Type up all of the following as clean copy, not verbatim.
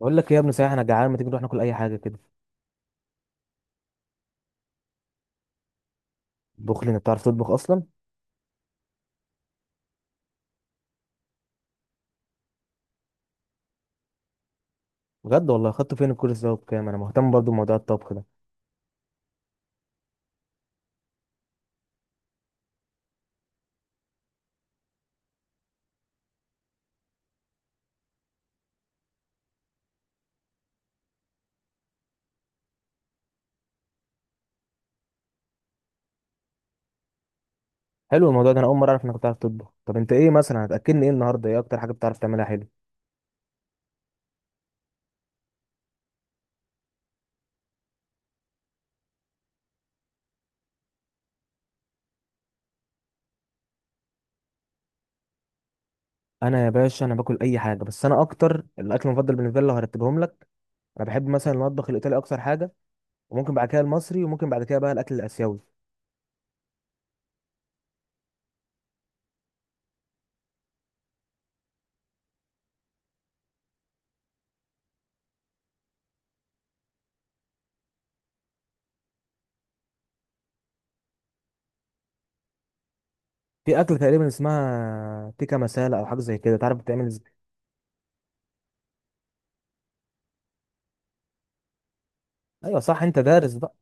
بقول لك ايه يا ابني، صحيح انا جعان، ما تيجي نروح ناكل اي حاجه كده؟ طبخ لي؟ انت بتعرف تطبخ اصلا؟ بجد والله؟ خدته فين الكورس ده؟ وبكام؟ انا مهتم برضو بموضوع الطبخ ده. حلو الموضوع ده. انا اول مره اعرف انك بتعرف تطبخ. طب انت ايه مثلا هتاكلني ايه النهارده؟ ايه اكتر حاجه بتعرف تعملها؟ حلو. انا يا باشا، انا باكل اي حاجه، بس انا اكتر الاكل المفضل بالنسبه لي لو هرتبهم لك. انا بحب مثلا المطبخ الايطالي اكتر حاجه، وممكن بعد كده المصري، وممكن بعد كده بقى الاكل الاسيوي. في اكل تقريبا اسمها تيكا مسالة او حاجه زي كده، تعرف بتعمل ازاي؟ ايوه صح، انت دارس بقى.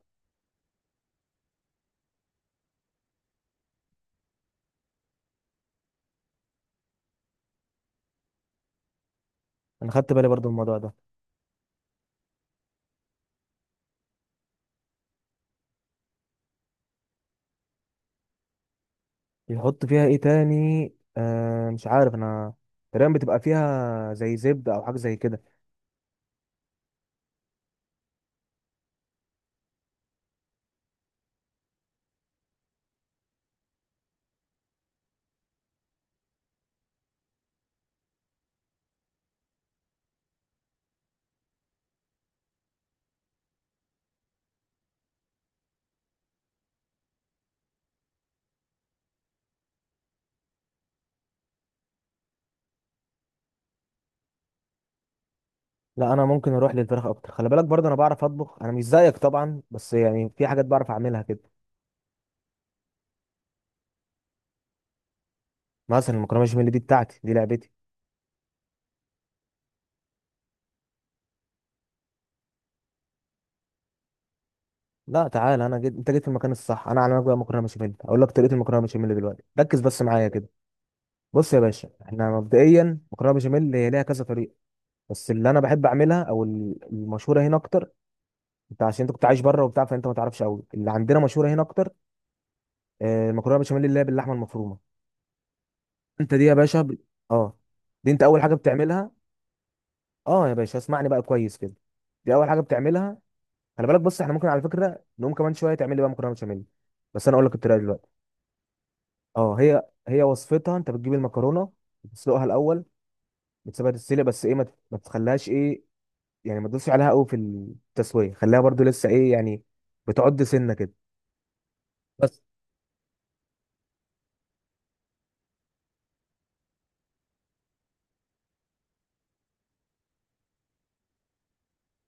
انا خدت بالي برضو من الموضوع ده. بيحط فيها ايه تاني؟ مش عارف انا. تقريبا بتبقى فيها زي زبدة او حاجة زي كده. لا، انا ممكن اروح للفراخ اكتر. خلي بالك برضه انا بعرف اطبخ، انا مش زيك طبعا، بس يعني في حاجات بعرف اعملها كده. مثلا المكرونة بشاميل دي بتاعتي، دي لعبتي. لا تعالى، انا جيت، انت جيت في المكان الصح. انا اعلمك بقى مكرونه بشاميل. اقول لك طريقه المكرونه بشاميل دلوقتي، ركز بس معايا كده. بص يا باشا، احنا مبدئيا مكرونه بشاميل هي ليها كذا طريقه. بس اللي انا بحب اعملها او المشهوره هنا اكتر. انت عشان انت كنت عايش بره وبتاع، فانت ما تعرفش قوي اللي عندنا مشهوره هنا اكتر. مكرونه بشاميل اللي هي باللحمه المفرومه. انت دي يا باشا. اه، دي انت اول حاجه بتعملها. اه يا باشا، اسمعني بقى كويس كده. دي اول حاجه بتعملها. خلي بالك، بص احنا ممكن على فكره نقوم كمان شويه تعمل لي بقى مكرونه بشاميل. بس انا اقول لك الطريقه دلوقتي. اه، هي هي وصفتها. انت بتجيب المكرونه، بتسلقها الاول. بتسيبها تتسلق، بس ايه، ما تخليهاش ايه، يعني ما تدوسش عليها قوي في التسويه، خليها برضو لسه ايه يعني، بتعد سنه كده بس.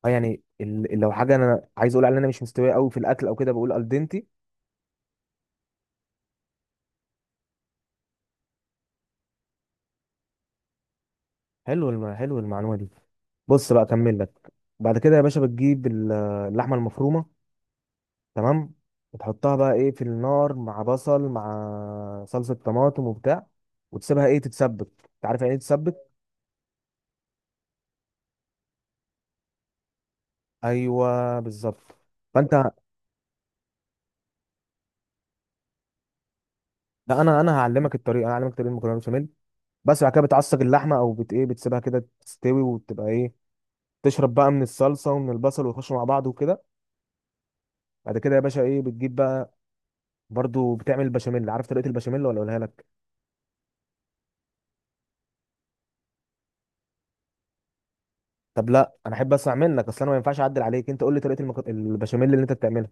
اه يعني، لو حاجه انا عايز اقول عليها ان انا مش مستويه قوي في الاكل او كده، بقول الدنتي. حلو المعلومه دي. بص بقى، اكمل لك. بعد كده يا باشا بتجيب اللحمه المفرومه. تمام. وتحطها بقى ايه في النار، مع بصل، مع صلصه طماطم وبتاع، وتسيبها ايه تتسبك. انت عارف يعني ايه تتسبك؟ ايوه بالظبط. فانت لا، انا هعلمك الطريقه، انا هعلمك طريقه المكرونه بشاميل. بس بعد كده بتعصج اللحمه، او بت ايه بتسيبها كده تستوي وتبقى ايه، تشرب بقى من الصلصه ومن البصل، ويخشوا مع بعض وكده. بعد كده يا باشا ايه بتجيب بقى؟ برضو بتعمل البشاميل. عارف طريقه البشاميل ولا اقولها لك؟ طب لا، انا احب اسمع منك. اصل انا ما ينفعش اعدل عليك. انت قول لي طريقه البشاميل اللي انت بتعملها.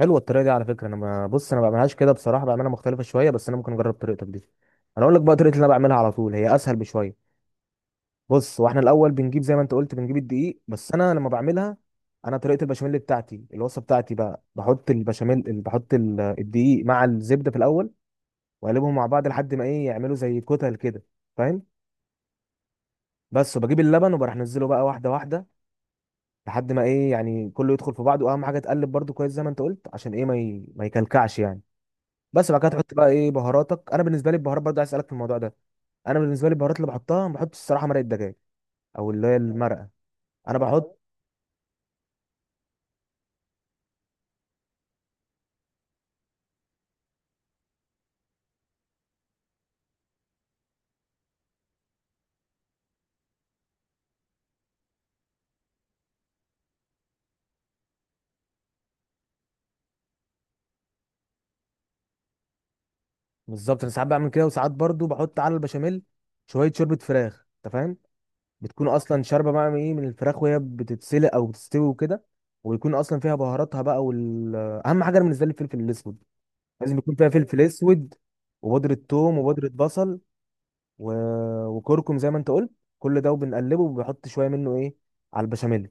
حلوه الطريقه دي على فكره. انا ما... بص انا ما بعملهاش كده بصراحه، بعملها مختلفه شويه، بس انا ممكن اجرب طريقتك دي. انا اقول لك بقى طريقه اللي انا بعملها على طول، هي اسهل بشويه. بص، واحنا الاول بنجيب زي ما انت قلت، بنجيب الدقيق، بس انا لما بعملها، انا طريقه البشاميل بتاعتي، الوصفه بتاعتي بقى، بحط الدقيق مع الزبده في الاول، واقلبهم مع بعض لحد ما ايه يعملوا زي كتل كده. فاهم؟ بس، وبجيب اللبن وبروح انزله بقى واحده واحده، لحد ما ايه يعني كله يدخل في بعضه. واهم حاجه تقلب برضو كويس زي ما انت قلت، عشان ايه ما يكلكعش يعني. بس بعد كده تحط بقى ايه بهاراتك. انا بالنسبه لي البهارات برضو عايز اسالك في الموضوع ده. انا بالنسبه لي البهارات اللي بحطها، ما بحطش الصراحه مرقه دجاج، او اللي هي المرقه. انا بحط. بالظبط، انا ساعات بعمل كده، وساعات برضو بحط على البشاميل شويه شوربه فراخ، انت فاهم؟ بتكون اصلا شاربه بقى من ايه، من الفراخ وهي بتتسلق او بتستوي وكده. ويكون اصلا فيها بهاراتها بقى، اهم حاجه أنا بالنسبه لي الفلفل الاسود، لازم يكون فيها فلفل اسود، وبودرة ثوم وبودرة بصل، و... وكركم زي ما انت قلت. كل ده، وبنقلبه وبنحط شويه منه ايه على البشاميل.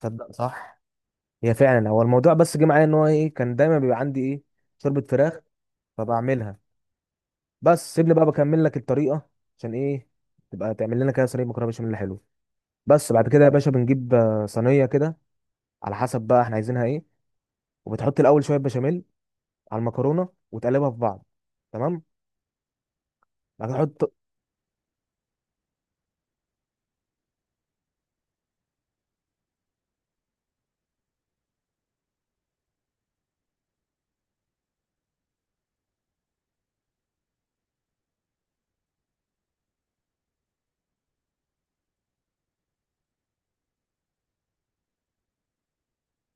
تصدق، صح. هي فعلا، هو الموضوع بس جه معايا ان هو ايه، كان دايما بيبقى عندي ايه، شوربه فراخ، فبعملها. بس سيبني بقى بكمل لك الطريقه. عشان ايه؟ تبقى تعمل لنا كده صينيه مكرونه بشاميل، حلو. بس بعد كده يا باشا بنجيب صينيه كده، على حسب بقى احنا عايزينها ايه. وبتحط الاول شويه بشاميل على المكرونه وتقلبها في بعض. تمام. بعد كده تحط.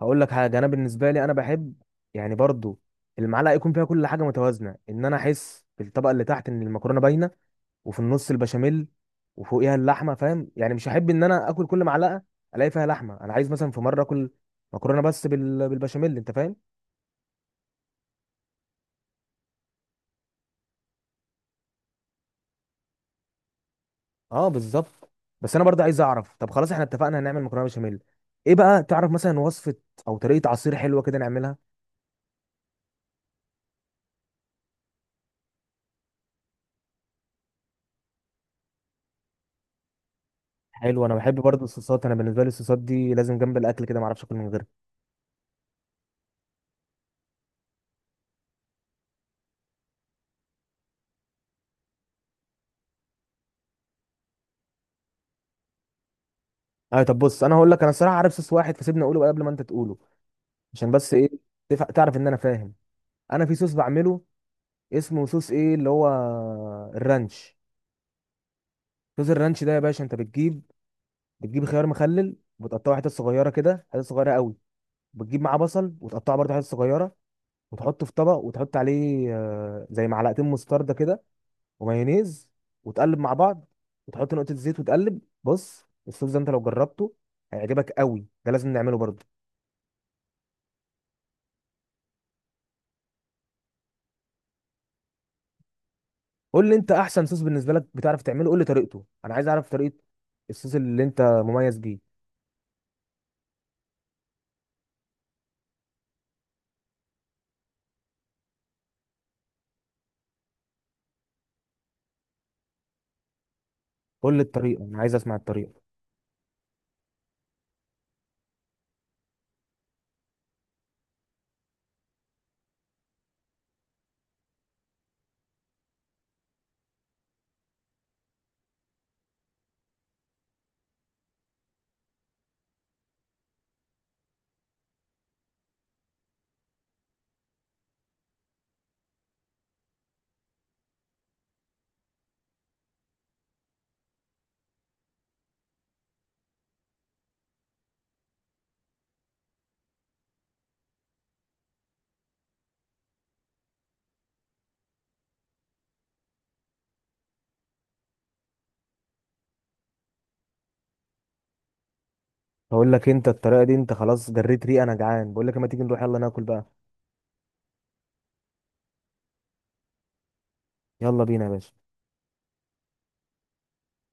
هقول لك حاجه، انا بالنسبه لي انا بحب، يعني برضو، المعلقه يكون فيها كل حاجه متوازنه، ان انا احس في الطبقه اللي تحت ان المكرونه باينه، وفي النص البشاميل، وفوقيها اللحمه، فاهم يعني؟ مش هحب ان انا اكل كل معلقه الاقي فيها لحمه. انا عايز مثلا في مره اكل مكرونه بس بالبشاميل، انت فاهم؟ اه بالظبط. بس انا برضه عايز اعرف، طب خلاص احنا اتفقنا هنعمل مكرونه بشاميل. ايه بقى تعرف مثلا وصفه او طريقه عصير حلوه كده نعملها؟ حلو، انا بحب برضه الصوصات، انا بالنسبه لي الصوصات دي لازم جنب الاكل كده، ما اعرفش اكل من غيرها. ايوه طب، بص انا هقول لك، انا الصراحه عارف صوص واحد، فسيبني اقوله قبل ما انت تقوله. عشان بس ايه، تعرف ان انا فاهم. انا في صوص بعمله، اسمه صوص ايه اللي هو، الرانش. صوص الرانش ده يا باشا، انت بتجيب، بتجيب خيار مخلل وتقطعه حتت صغيره كده، حتت صغيره قوي. بتجيب معاه بصل، وتقطعه برضه حتت صغيره، وتحطه في طبق، وتحط عليه زي معلقتين مستردة كده، ومايونيز، وتقلب مع بعض، وتحط نقطه زيت وتقلب. بص الصوص ده انت لو جربته هيعجبك قوي. ده لازم نعمله برضه. قول لي انت، احسن صوص بالنسبه لك بتعرف تعمله قول لي طريقته، انا عايز اعرف طريقه الصوص اللي انت مميز بيه. قول لي الطريقه، انا عايز اسمع الطريقه. بقول لك، انت الطريقه دي انت خلاص جريت ريقه. انا جعان بقول لك، اما تيجي نروح يلا ناكل بقى. يلا بينا يا باشا.